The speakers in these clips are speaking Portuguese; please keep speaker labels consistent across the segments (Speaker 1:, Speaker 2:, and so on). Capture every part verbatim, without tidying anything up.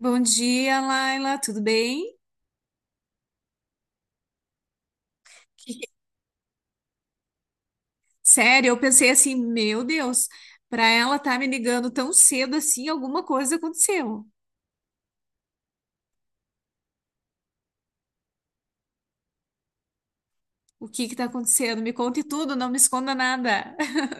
Speaker 1: Bom dia, Laila, tudo bem? Que- Sério, eu pensei assim, meu Deus, para ela estar me ligando tão cedo assim, alguma coisa aconteceu. O que que tá acontecendo? Me conte tudo, não me esconda nada.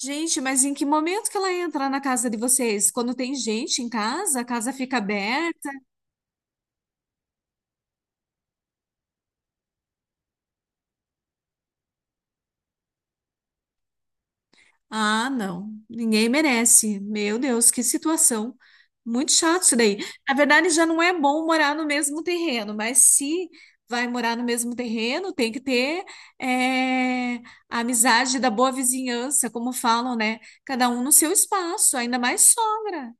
Speaker 1: Gente, mas em que momento que ela entra na casa de vocês? Quando tem gente em casa, a casa fica aberta? Ah, não. Ninguém merece. Meu Deus, que situação. Muito chato isso daí. Na verdade, já não é bom morar no mesmo terreno, mas se vai morar no mesmo terreno, tem que ter é, a amizade da boa vizinhança, como falam, né? Cada um no seu espaço, ainda mais sogra.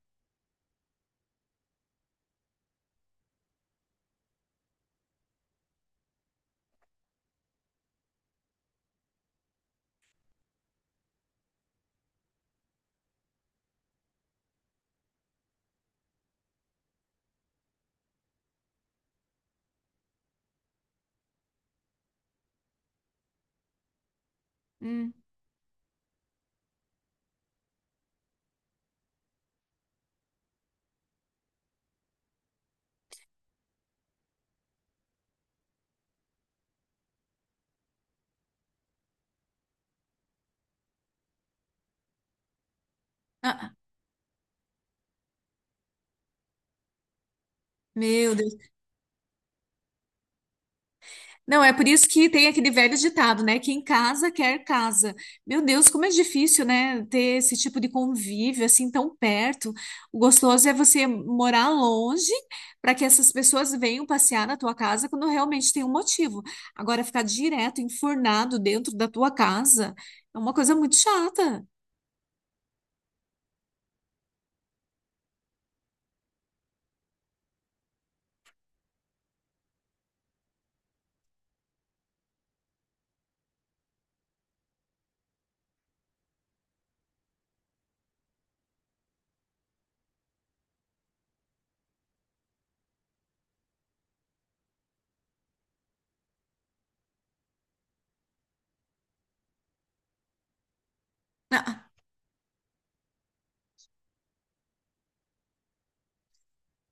Speaker 1: Hum. Ah, ah. Meu Deus. Não, é por isso que tem aquele velho ditado, né? Quem casa quer casa. Meu Deus, como é difícil, né? Ter esse tipo de convívio assim tão perto. O gostoso é você morar longe para que essas pessoas venham passear na tua casa quando realmente tem um motivo. Agora, ficar direto, enfurnado dentro da tua casa é uma coisa muito chata.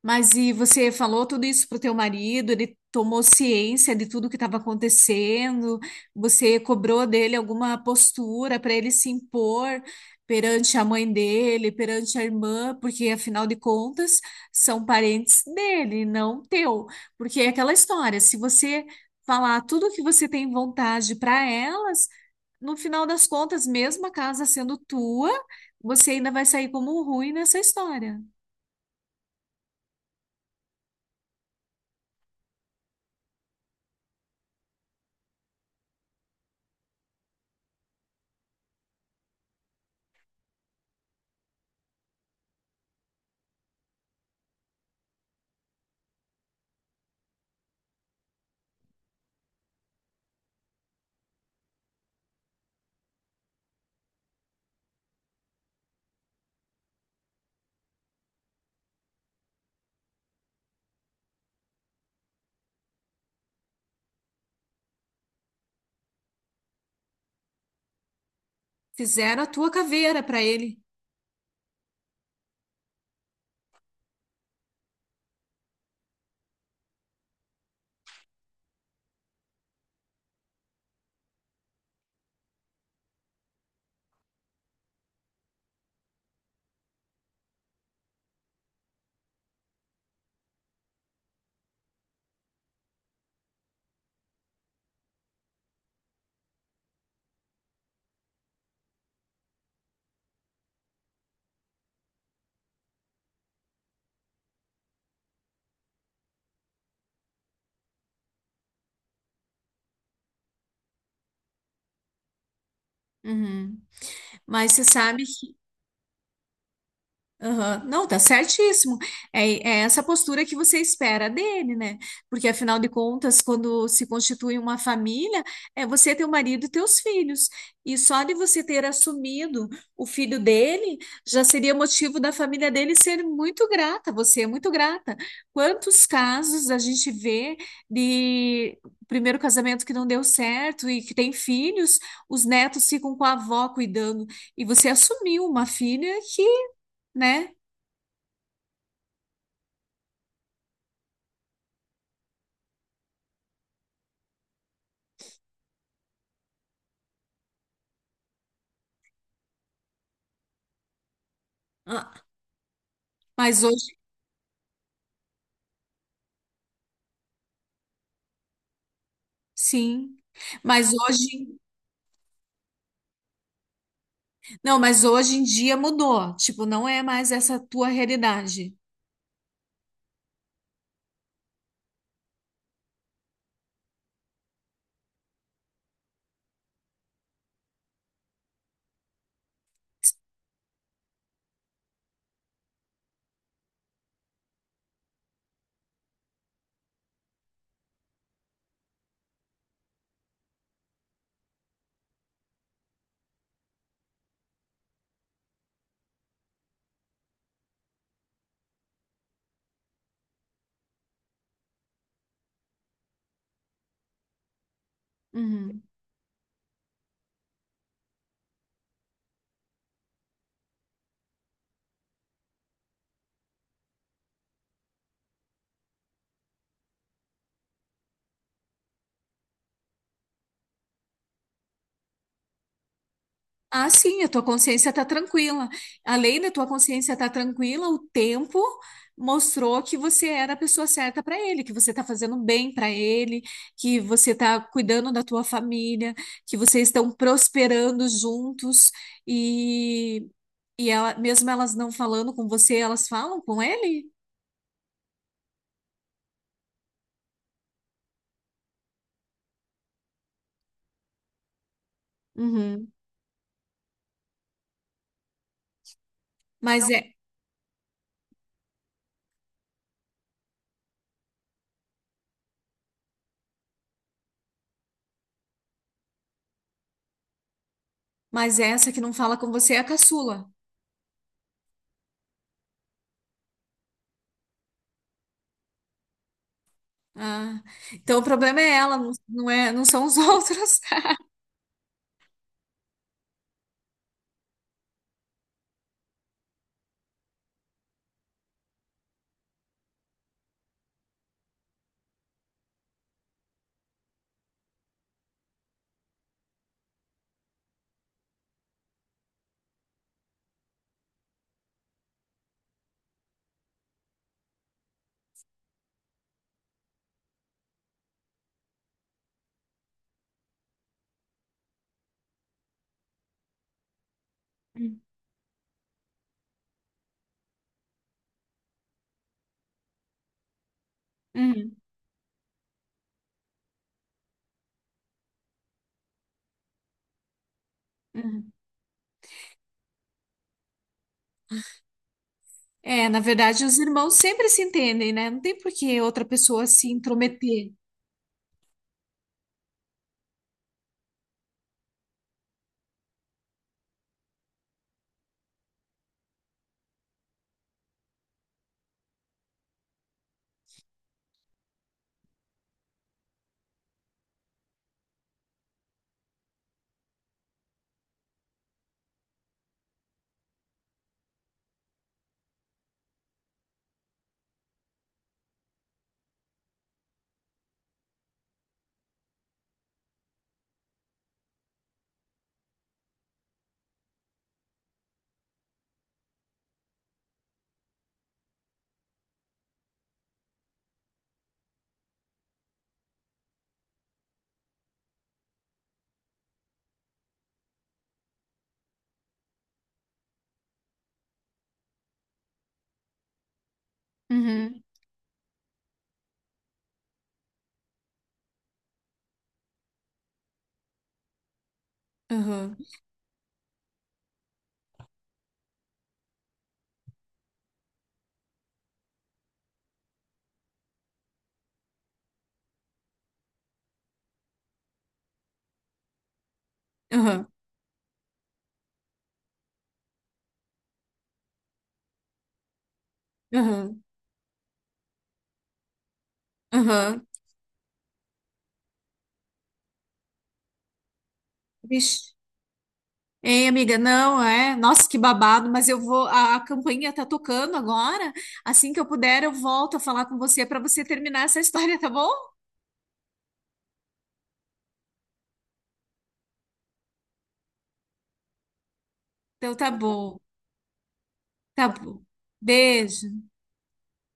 Speaker 1: Mas e você falou tudo isso pro teu marido? Ele tomou ciência de tudo que estava acontecendo? Você cobrou dele alguma postura para ele se impor perante a mãe dele, perante a irmã? Porque afinal de contas são parentes dele, não teu. Porque é aquela história, se você falar tudo o que você tem vontade para elas, no final das contas, mesmo a casa sendo tua, você ainda vai sair como um ruim nessa história. Fizeram a tua caveira para ele. Uhum. Mas você sabe que. Aham. Não, tá certíssimo. É, é essa postura que você espera dele, né? Porque afinal de contas, quando se constitui uma família, é você, teu marido e teus filhos. E só de você ter assumido o filho dele, já seria motivo da família dele ser muito grata, você é muito grata. Quantos casos a gente vê de primeiro casamento que não deu certo e que tem filhos, os netos ficam com a avó cuidando, e você assumiu uma filha que, né? Ah, mas hoje, sim. Mas hoje, não, mas hoje em dia mudou. Tipo, não é mais essa tua realidade. Uhum. Ah, sim, a tua consciência tá tranquila. Além da tua consciência tá tranquila, o tempo mostrou que você era a pessoa certa para ele, que você tá fazendo bem para ele, que você tá cuidando da tua família, que vocês estão prosperando juntos e e ela, mesmo elas não falando com você, elas falam com ele? Uhum. Mas é, mas é essa que não fala com você é a caçula. Ah, então o problema é ela, não, não é, não são os outros. Hum, uhum, uhum. É, na verdade, os irmãos sempre se entendem, né? Não tem por que outra pessoa se intrometer. Uhum, uhum, uhum, uhum, uhum. Vixe. Ei, amiga, não, é? Nossa, que babado, mas eu vou. A, a campainha tá tocando agora. Assim que eu puder, eu volto a falar com você para você terminar essa história, tá bom? Então tá bom, tá bom. Beijo.